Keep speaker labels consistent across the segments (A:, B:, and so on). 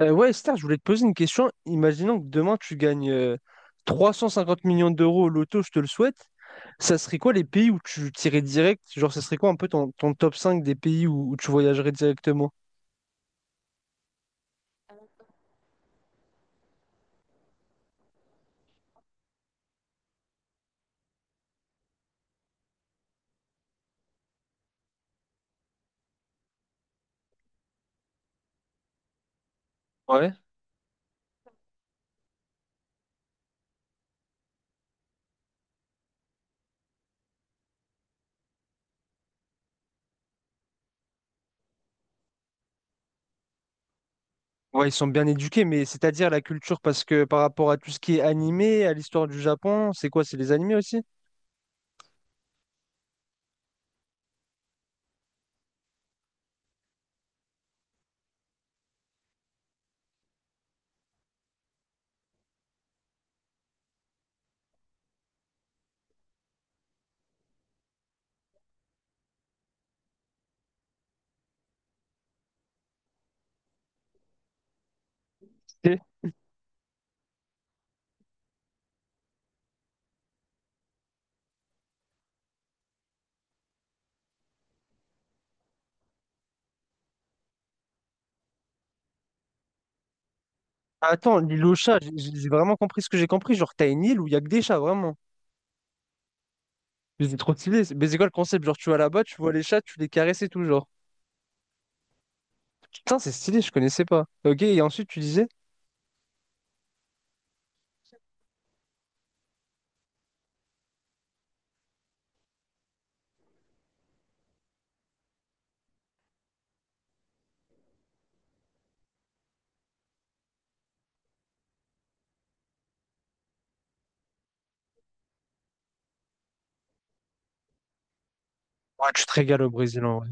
A: Ouais, Esther, je voulais te poser une question. Imaginons que demain tu gagnes 350 millions d'euros au loto, je te le souhaite. Ça serait quoi les pays où tu tirais direct? Genre, ça serait quoi un peu ton top 5 des pays où tu voyagerais directement? Ouais. Ouais, ils sont bien éduqués, mais c'est-à-dire la culture, parce que par rapport à tout ce qui est animé, à l'histoire du Japon, c'est quoi? C'est les animés aussi? C'est- Attends, l'île aux chats, j'ai vraiment compris ce que j'ai compris. Genre, t'as une île où il y a que des chats, vraiment. Mais c'est trop stylé. Mais c'est quoi le concept? Genre, tu vas là-bas, tu vois les chats, tu les caresses et tout, genre. Putain, c'est stylé, je connaissais pas. Ok, et ensuite tu disais? Ouais, tu te régales au Brésil en vrai.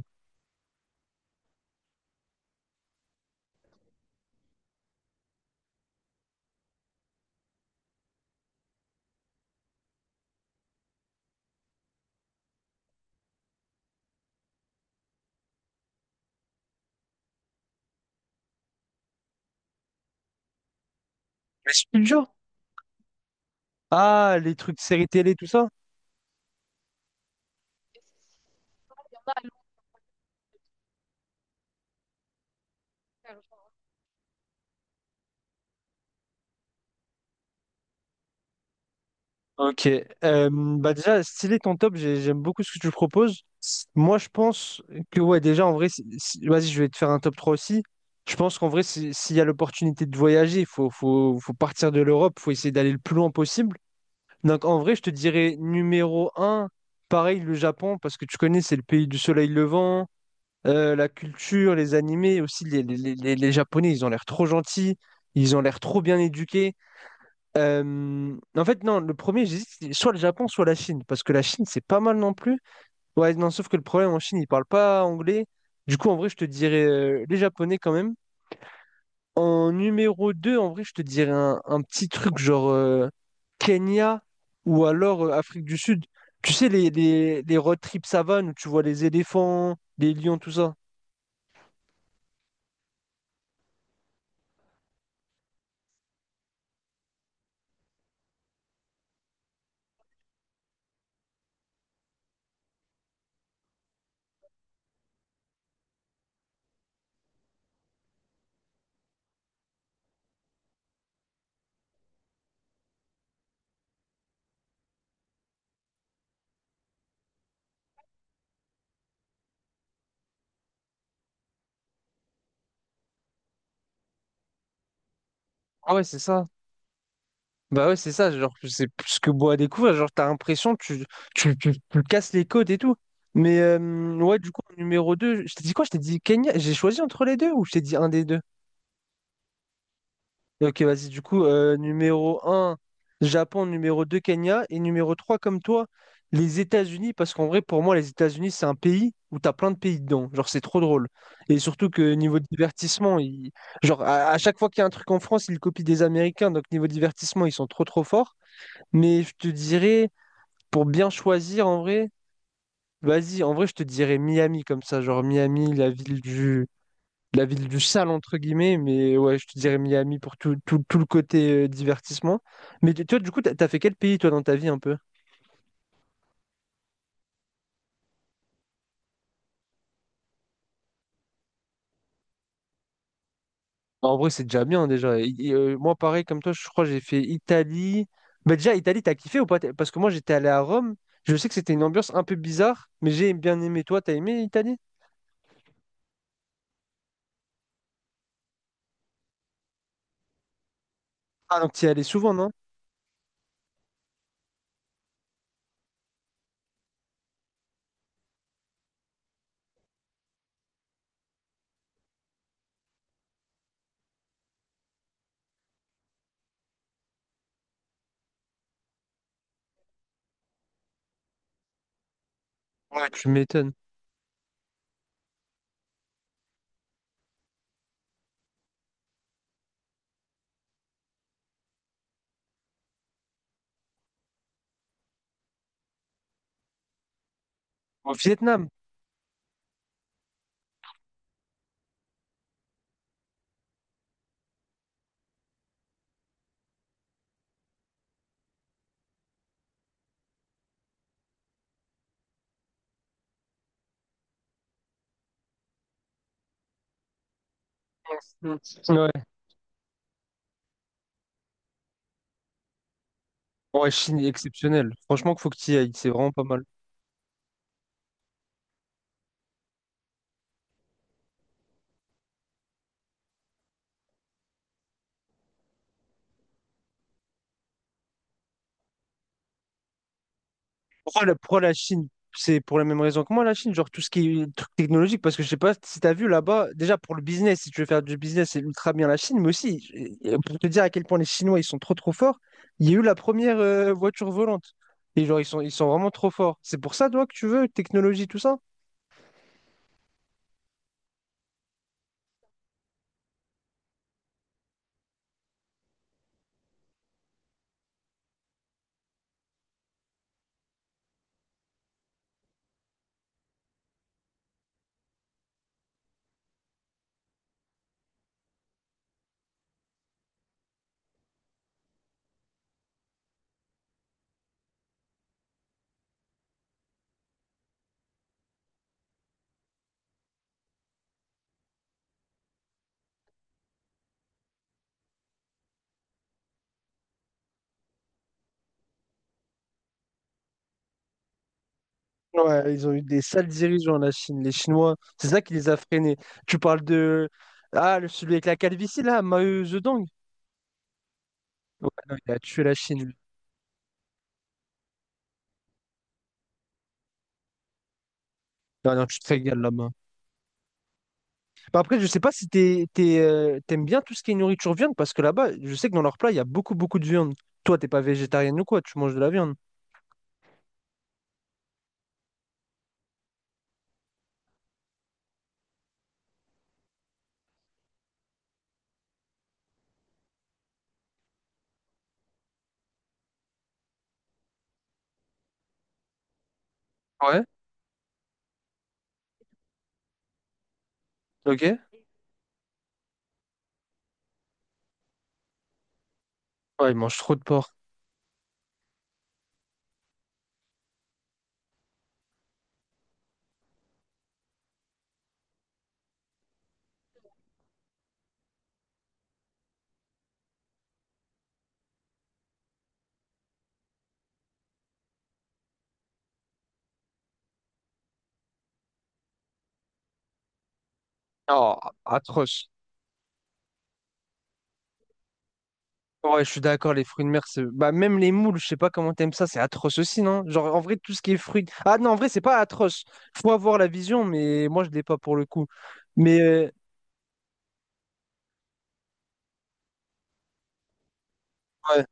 A: Mais c'est plus dur. Ah, les trucs séries télé, tout ça? Ok. Bah déjà, stylé ton top, j'aime beaucoup ce que tu proposes. Moi, je pense que, ouais, déjà, en vrai, vas-y, je vais te faire un top 3 aussi. Je pense qu'en vrai, s'il y a l'opportunité de voyager, il faut partir de l'Europe, il faut essayer d'aller le plus loin possible. Donc, en vrai, je te dirais numéro 1 pareil, le Japon, parce que tu connais, c'est le pays du soleil levant. La culture, les animés aussi, les Japonais, ils ont l'air trop gentils, ils ont l'air trop bien éduqués. En fait, non, le premier, j'hésite, c'est soit le Japon, soit la Chine, parce que la Chine, c'est pas mal non plus. Ouais, non, sauf que le problème en Chine, ils parlent pas anglais. Du coup, en vrai, je te dirais les Japonais quand même. En numéro 2 en vrai, je te dirais un petit truc genre Kenya ou alors Afrique du Sud. Tu sais, les road trips savanes où tu vois les éléphants, les lions, tout ça. Ah ouais, c'est ça. Bah ouais, c'est ça, genre que c'est plus que beau à découvrir, genre t'as l'impression que tu casses les côtes et tout. Mais ouais, du coup, en numéro 2 je t'ai dit quoi? Je t'ai dit Kenya, j'ai choisi entre les deux ou je t'ai dit un des deux? Ok, vas-y, du coup, numéro 1 Japon, numéro 2 Kenya, et numéro 3 comme toi, les États-Unis, parce qu'en vrai, pour moi, les États-Unis, c'est un pays où t'as plein de pays dedans, genre c'est trop drôle. Et surtout que niveau divertissement, genre à chaque fois qu'il y a un truc en France, ils copient des Américains, donc niveau divertissement, ils sont trop forts. Mais je te dirais, pour bien choisir en vrai, vas-y, en vrai, je te dirais Miami comme ça, genre Miami, la ville du sale, entre guillemets, mais ouais, je te dirais Miami pour tout le côté divertissement. Mais toi, du coup, t'as fait quel pays, toi, dans ta vie un peu? En vrai, c'est déjà bien, déjà. Moi, pareil, comme toi, je crois que j'ai fait Italie. Bah, déjà, Italie, t'as kiffé ou pas? Parce que moi, j'étais allé à Rome, je sais que c'était une ambiance un peu bizarre, mais j'ai bien aimé. Toi, t'as aimé Italie? Ah, donc t'y allais souvent, non? Ouais, tu m'étonnes. Au Vietnam. Ouais. Ouais, Chine est exceptionnelle. Franchement, qu'il faut que tu y ailles. C'est vraiment pas mal. Pourquoi la Chine? C'est pour la même raison que moi, la Chine. Genre, tout ce qui est truc technologique. Parce que je sais pas si t'as vu là-bas. Déjà, pour le business, si tu veux faire du business, c'est ultra bien la Chine. Mais aussi, pour te dire à quel point les Chinois, ils sont trop forts, il y a eu la première voiture volante. Et genre, ils sont vraiment trop forts. C'est pour ça, toi, que tu veux, technologie, tout ça? Ouais, ils ont eu des sales dirigeants, la Chine. Les Chinois, c'est ça qui les a freinés. Tu parles de. Ah, celui avec la calvitie, là, Mao Zedong. Ouais, non, il a tué la Chine. Lui. Non, non, tu te régales là-bas. Bah, après, je sais pas si t'aimes bien tout ce qui est nourriture viande, parce que là-bas, je sais que dans leur plat, il y a beaucoup de viande. Toi, t'es pas végétarienne ou quoi, tu manges de la viande. Ouais, ok. Ouais, ils mangent trop de porc. Oh, atroce. Ouais, je suis d'accord, les fruits de mer, c'est... Bah, même les moules, je sais pas comment t'aimes ça, c'est atroce aussi, non? Genre, en vrai, tout ce qui est fruits... Ah non, en vrai, c'est pas atroce. Faut avoir la vision, mais moi, je l'ai pas pour le coup. Mais, ouais.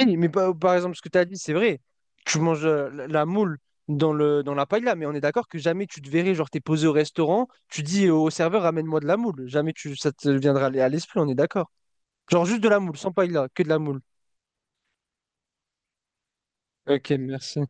A: Oui, mais par exemple, ce que t'as dit, c'est vrai. Tu manges la moule dans la paella, mais on est d'accord que jamais tu te verrais, genre, t'es posé au restaurant, tu dis au serveur, ramène-moi de la moule. Jamais tu... ça te viendra à l'esprit, on est d'accord. Genre, juste de la moule, sans paella, que de la moule. Ok, merci.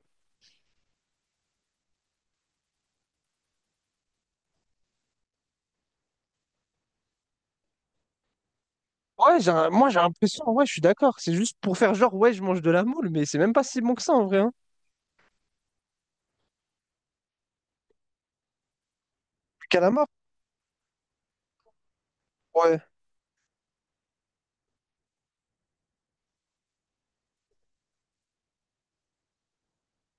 A: Ouais, moi j'ai l'impression, ouais, je suis d'accord. C'est juste pour faire genre, ouais, je mange de la moule, mais c'est même pas si bon que ça en vrai. Hein. Le Calamar, ouais.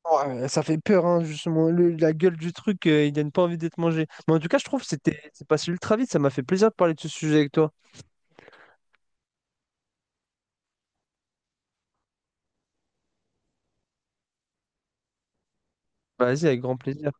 A: Ouais, ça fait peur, hein, justement. La gueule du truc, il donne pas envie d'être mangé. Mais en tout cas, je trouve que c'est passé ultra vite. Ça m'a fait plaisir de parler de ce sujet avec toi. Vas-y, avec grand plaisir.